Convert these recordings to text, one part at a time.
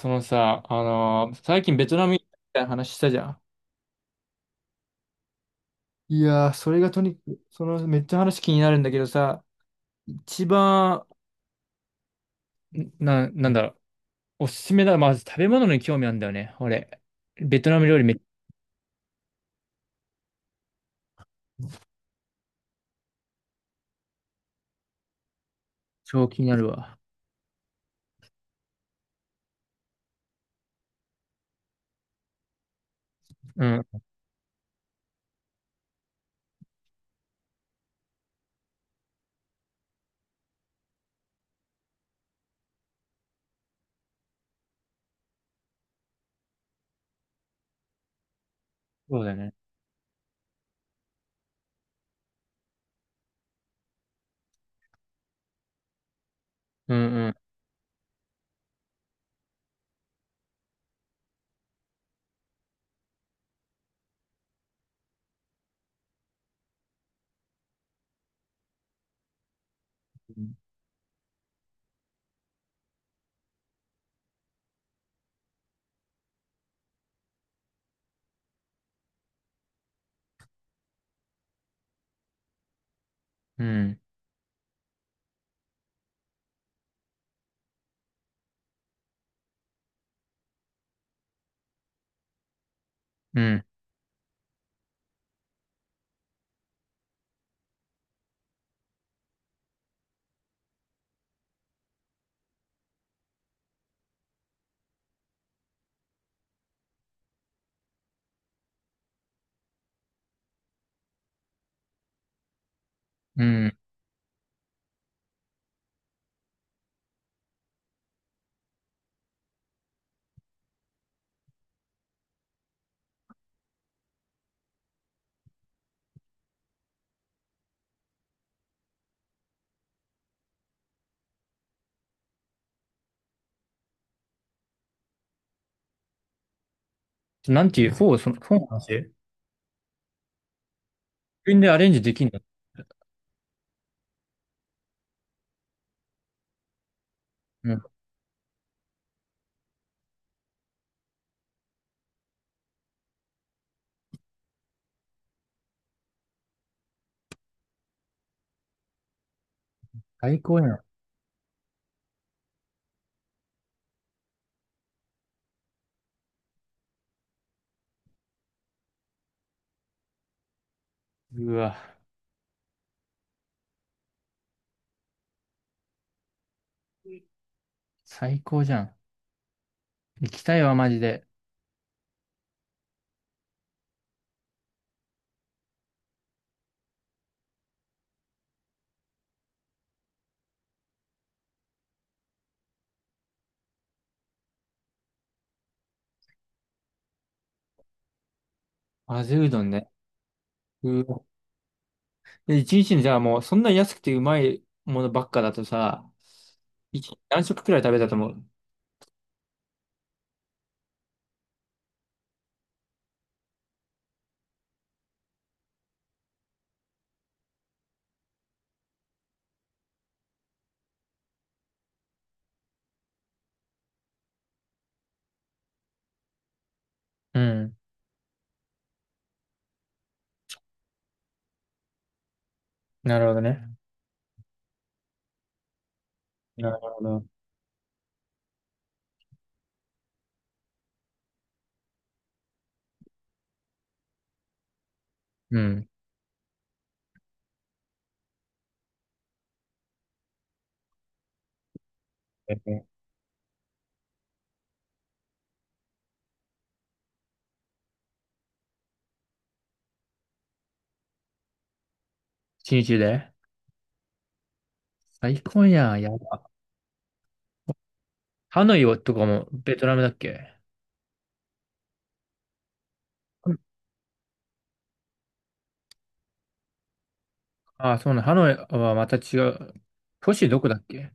そのさ、最近ベトナム行ったみたいな話したじゃん。いやー、それがとにかく、そのめっちゃ話気になるんだけどさ、一番、なんだろう、おすすめだ。まず食べ物に興味あるんだよね、俺。ベトナム料理めっちゃ気になるわ。うん。そうだよね。うんうん。うん。うん。うん。なんていう、フォー、その、フォーの話自分でアレンジできんだ。うん。最高やん。うわ、最高じゃん。行きたいわ、マジで。混ぜうどんね。うわ。で、一日にじゃあもう、そんな安くてうまいものばっかだとさ、一日何食くらい食べたと思う？うん。なるほどね。なるほど。うん。ええ。一日で。最高やん。やば。ハノイはとかもベトナムだっけ？ああ、そうなの。ハノイはまた違う。都市どこだっけ？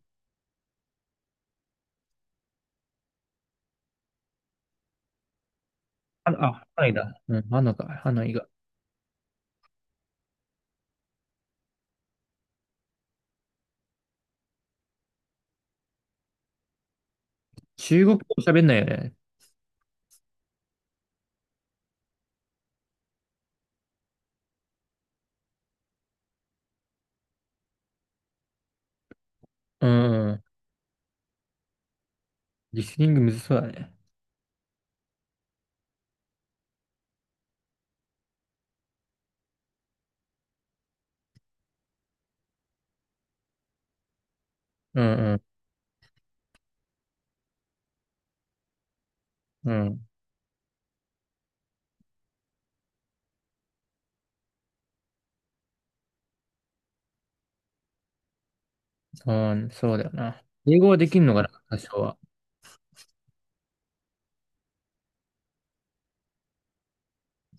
あ、あ、ハノイだ。うん、ハノイか。ハノイが。中国語喋んないよね。うんうん。リスニングむずそうだね。うんうん。うん。そう、そうだよな。英語はできんのかな、多少は。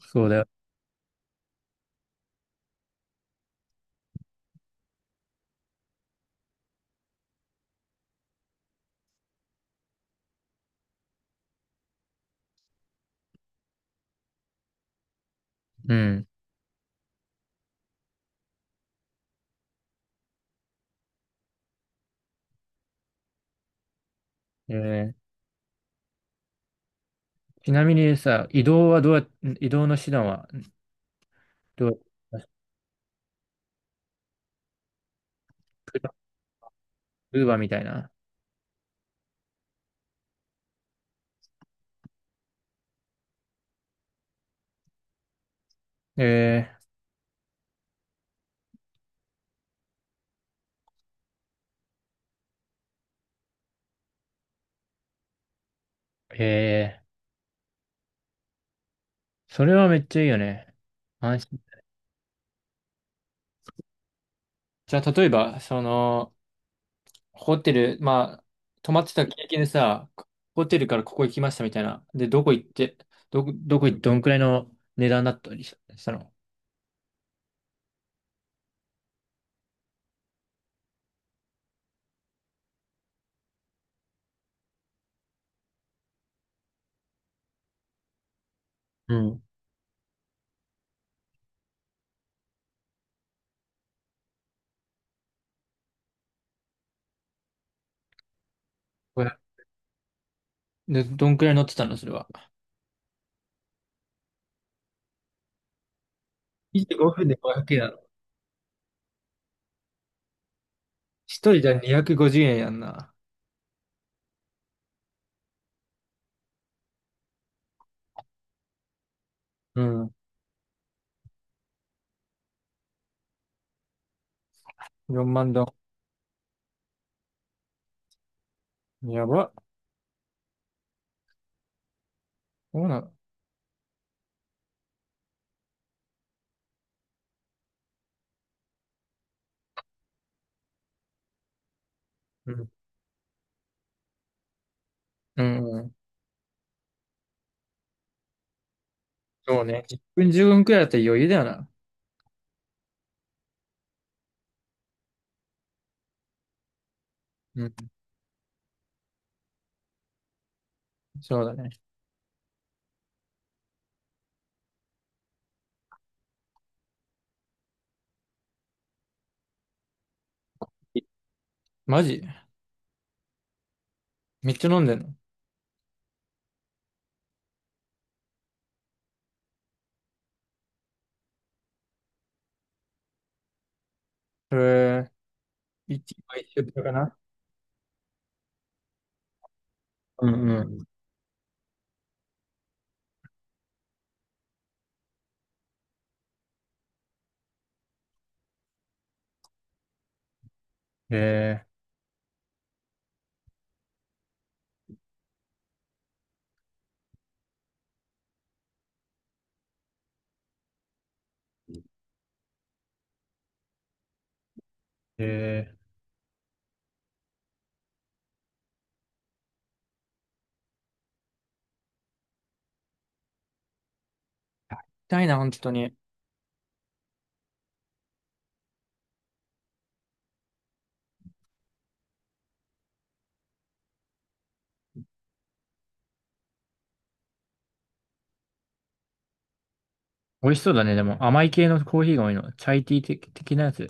そうだよ。うん。えー、ちなみにさ、移動はどう移動の手段はどうやって？ウーバーみたいな。えー、えー、それはめっちゃいいよね。安心。じゃあ、例えば、その、ホテル、まあ、泊まってた経験でさ、ホテルからここ行きましたみたいな。で、どこ行って、どこ行って、どんくらいの値段だったりしたの？うん。これで、どんくらい乗ってたのそれは。25分で500円なの？一人じゃ250円やんな。うん。4万ドン。やば。そうなの。うん。うん。うん。そうね。1分、15分くらいだったら余裕だよな。うん。そうだね。い、マジ？めっちゃ飲んでんの？それ、一杯一緒かな？うんうん。えー、えー。痛いな、本当に。美味しそうだね。でも、甘い系のコーヒーが多いの？チャイティー的、的なやつ。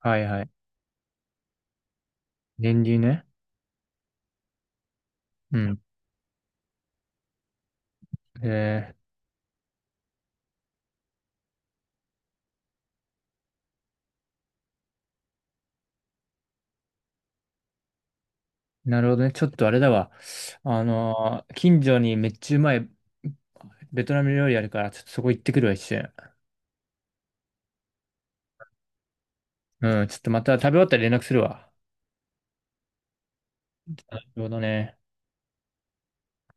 はいはい。練乳ね。うん。えー、なるほどね。ちょっとあれだわ。近所にめっちゃうまいベトナム料理あるから、ちょっとそこ行ってくるわ、一瞬。うん、ちょっとまた食べ終わったら連絡するわ。なるほどね。